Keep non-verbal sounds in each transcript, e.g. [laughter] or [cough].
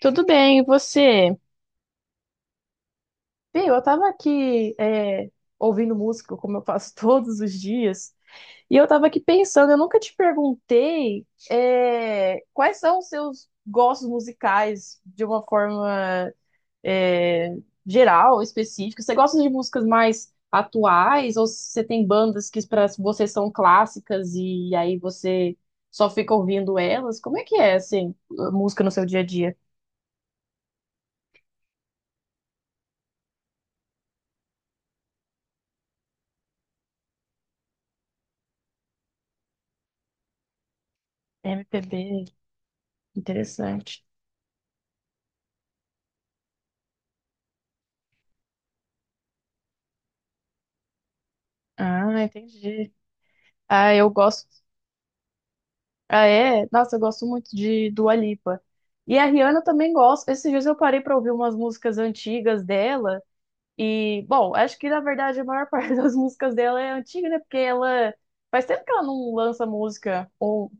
Tudo bem, e você? Bem, eu tava aqui ouvindo música, como eu faço [laughs] todos os dias, e eu tava aqui pensando, eu nunca te perguntei quais são os seus gostos musicais de uma forma é, geral, específica. Você gosta de músicas mais atuais, ou você tem bandas que para você são clássicas e aí você só fica ouvindo elas? Como é que é, assim, a música no seu dia a dia? MPB, interessante. Ah, entendi. Ah, eu gosto. Ah, é? Nossa, eu gosto muito de Dua Lipa. E a Rihanna eu também gosto. Esses dias eu parei pra ouvir umas músicas antigas dela. E, bom, acho que na verdade a maior [laughs] parte das músicas dela é antiga, né? Porque ela. Faz tempo que ela não lança música ou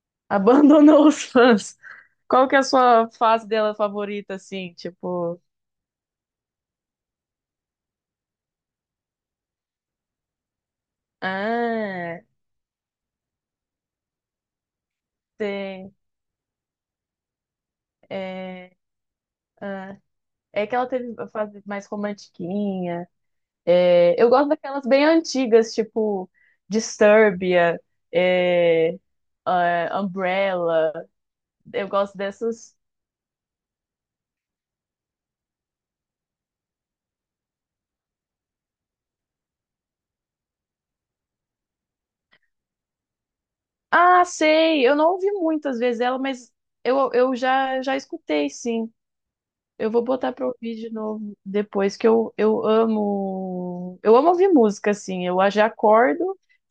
[laughs] abandonou os fãs. Qual que é a sua fase dela favorita, assim? Tipo. Ah, tem. É, ah, é que ela teve a fase mais romantiquinha. É, eu gosto daquelas bem antigas, tipo Disturbia, é, ah, Umbrella. Eu gosto dessas. Ah, sei! Eu não ouvi muitas vezes ela, mas eu já escutei, sim. Eu vou botar pra ouvir de novo depois, que eu amo. Eu amo ouvir música, assim. Eu já acordo,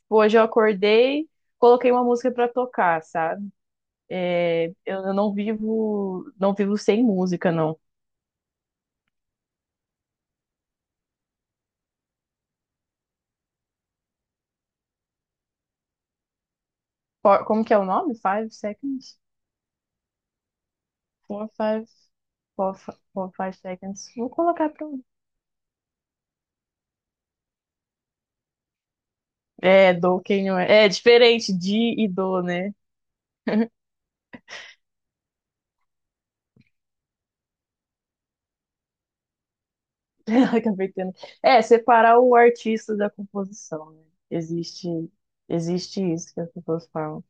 tipo, hoje eu acordei, coloquei uma música pra tocar, sabe? Eu, não vivo, não vivo sem música, não. Four- como que é o nome? Five seconds? Four, five, four, five seconds. Vou colocar pra. Um. É, do quem não é. É diferente de e do, né? [laughs] Acabei tendo. É, separar o artista da composição, né? Existe, existe isso que as pessoas falam.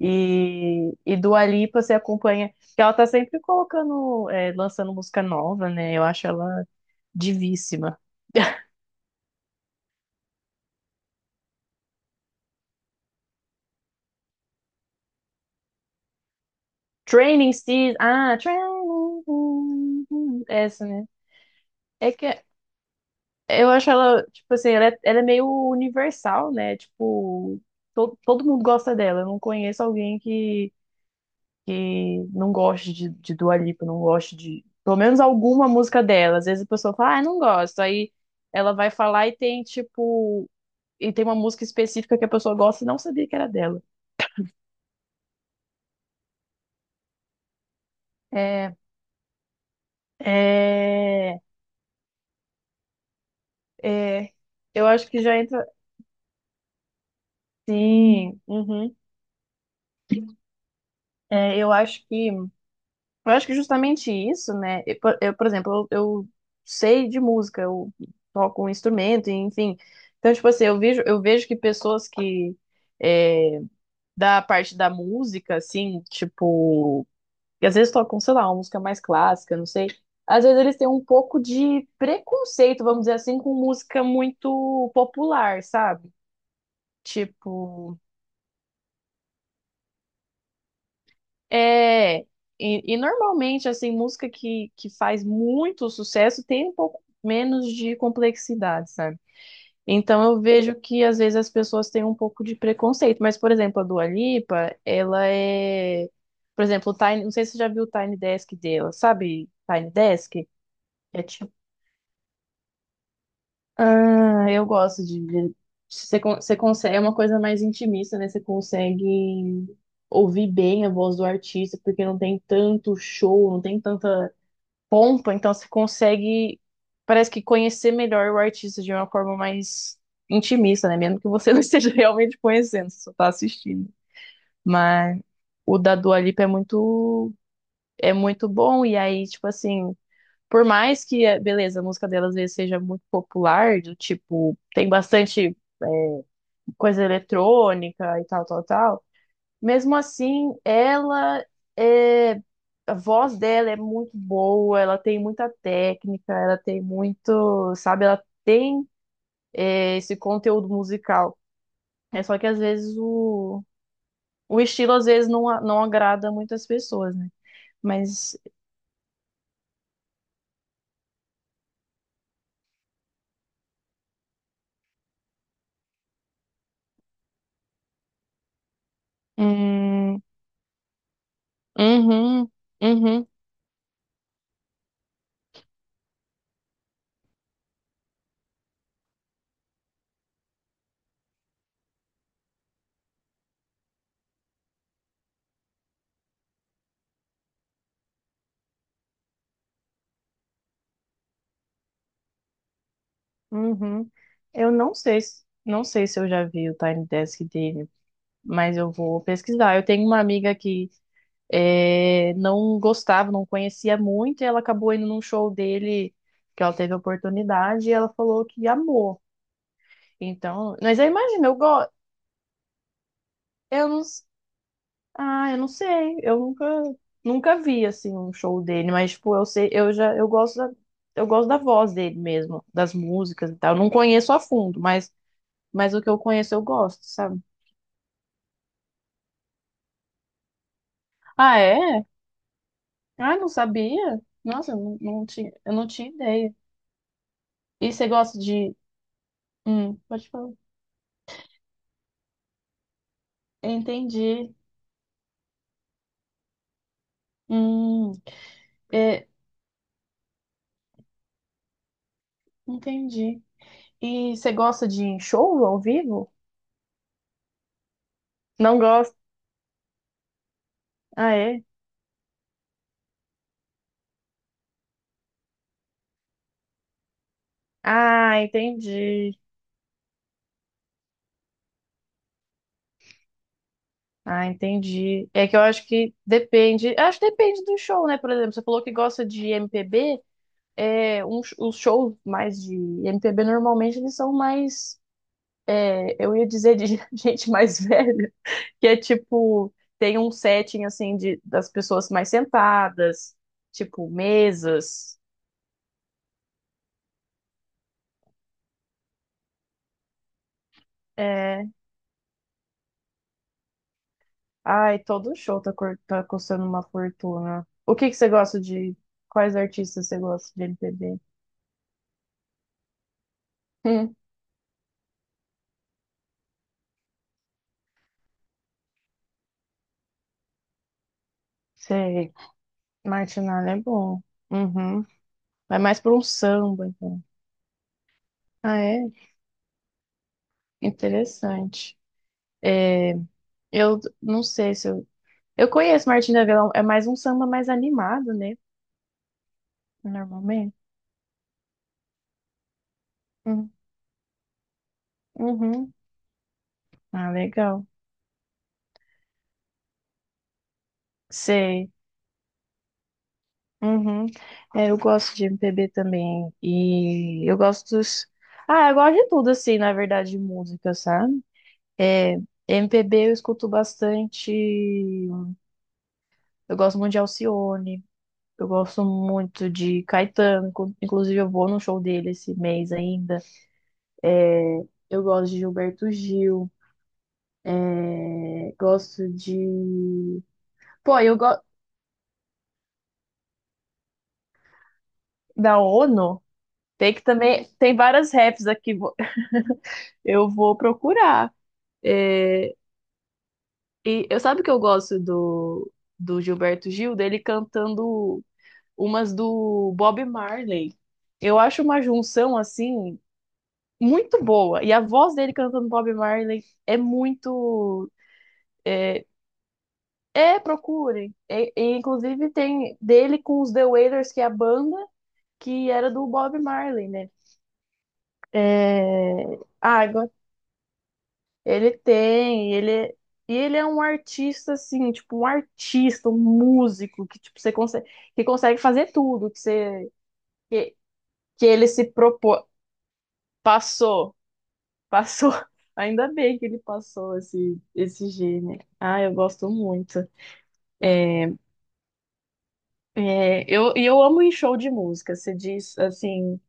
Dua Lipa você acompanha. Porque ela tá sempre colocando, lançando música nova, né? Eu acho ela divíssima. [laughs] Training Season. Ah, Training. Essa, né? É que é, eu acho ela, tipo assim, ela é meio universal, né? Tipo, todo mundo gosta dela. Eu não conheço alguém que não goste de Dua Lipa, não goste de, pelo menos alguma música dela. Às vezes a pessoa fala, ah, não gosto. Aí ela vai falar e tem, tipo, e tem uma música específica que a pessoa gosta e não sabia que era dela. É, é, é, eu acho que já entra. Sim, uhum. Eu acho que. Eu acho que justamente isso, né? Eu, por exemplo, eu sei de música, eu toco um instrumento, enfim. Então, tipo assim, eu vejo que pessoas que é, da parte da música, assim, tipo, que às vezes tocam, sei lá, uma música mais clássica, não sei. Às vezes eles têm um pouco de preconceito, vamos dizer assim, com música muito popular, sabe? Tipo, É, e normalmente, assim, música que faz muito sucesso tem um pouco menos de complexidade, sabe? Então eu vejo que às vezes as pessoas têm um pouco de preconceito, mas, por exemplo, a Dua Lipa, ela é, por exemplo, o Tiny, não sei se você já viu o Tiny Desk dela, sabe? Tiny Desk? É tipo, ah, eu gosto de- você, você consegue, é uma coisa mais intimista, né? Você consegue ouvir bem a voz do artista, porque não tem tanto show, não tem tanta pompa então você consegue, parece que conhecer melhor o artista de uma forma mais intimista, né? Mesmo que você [laughs] não esteja realmente conhecendo, você só tá assistindo. Mas o da Dua Lipa é muito bom, e aí, tipo assim, por mais que, beleza, a música dela às vezes seja muito popular, do tipo, tem bastante eh, coisa eletrônica e tal, tal, tal. Mesmo assim, ela é. A voz dela é muito boa, ela tem muita técnica, ela tem muito, sabe, ela tem esse conteúdo musical. É só que às vezes o estilo às vezes não, não agrada muitas pessoas, né? Mas hum, uhum, uhum, uhum. Eu não sei, não sei se eu já vi o Tiny Desk dele, mas eu vou pesquisar. Eu tenho uma amiga que não gostava, não conhecia muito, e ela acabou indo num show dele que ela teve a oportunidade e ela falou que amou. Então, mas eu imagino, eu gosto, eu não, s- eu não sei, eu nunca, nunca vi assim um show dele, mas tipo, eu sei, eu já, eu gosto da voz dele mesmo, das músicas e tal. Eu não conheço a fundo, mas o que eu conheço eu gosto, sabe? Ah, é? Ah, não sabia? Nossa, eu não, não tinha, eu não tinha ideia. E você gosta de, pode falar. Entendi. Hum, é, entendi. E você gosta de show ao vivo? Não gosta? Ah, é? Ah, entendi. Ah, entendi. É que eu acho que depende. Acho que depende do show, né? Por exemplo, você falou que gosta de MPB. Os shows mais de MPB normalmente eles são mais. Eu ia dizer de [laughs] gente mais velha, que é tipo. Tem um setting assim de, das pessoas mais sentadas, tipo mesas. É, ai, todo show tá, cur- tá custando uma fortuna. O que que você gosta de. Quais artistas você gosta de MPB? Hum, sei. Martinalha é bom. Uhum. Vai mais pra um samba, então. Ah, é? Interessante. É, eu não sei se eu. Eu conheço Martinha da Vila, é mais um samba mais animado, né? Normalmente. Uhum. Uhum. Ah, legal. Sei. Uhum. É, eu gosto de MPB também. E eu gosto dos. Ah, eu gosto de tudo, assim, na verdade, de música, sabe? É, MPB eu escuto bastante. Eu gosto muito de Alcione. Eu gosto muito de Caetano. Inclusive, eu vou no show dele esse mês ainda. É, eu gosto de Gilberto Gil. É, gosto de. Pô, eu gosto. Da ONU. Tem que também. Tem várias raps aqui. [laughs] Eu vou procurar. É, e eu sabe o que eu gosto do, do Gilberto Gil, dele cantando umas do Bob Marley. Eu acho uma junção assim muito boa. E a voz dele cantando Bob Marley é muito. É, procurem. Inclusive tem dele com os The Wailers, que é a banda que era do Bob Marley, né? É... Ah, agora. Ele é, e ele é um artista assim, tipo um artista, um músico que tipo você consegue, que consegue fazer tudo que você que, que ele se propôs, passou, passou. [laughs] Ainda bem que ele passou esse gênio. Ah, eu gosto muito. É, eu amo ir em show de música. Você diz assim,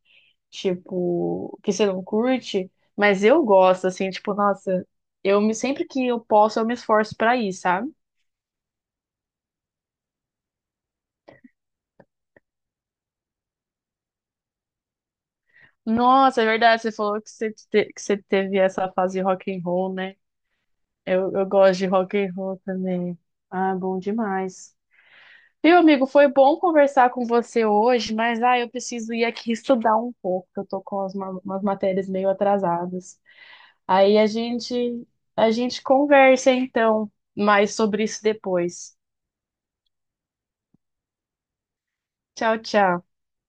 tipo, que você não curte, mas eu gosto assim, tipo, nossa, eu me sempre que eu posso, eu me esforço pra ir, sabe? Nossa, é verdade, você falou que você, que você teve essa fase de rock and roll, né? Eu gosto de rock and roll também. Ah, bom demais. Meu amigo, foi bom conversar com você hoje, mas ah, eu preciso ir aqui estudar um pouco, que eu tô com umas matérias meio atrasadas. Aí a gente conversa então mais sobre isso depois. Tchau, tchau.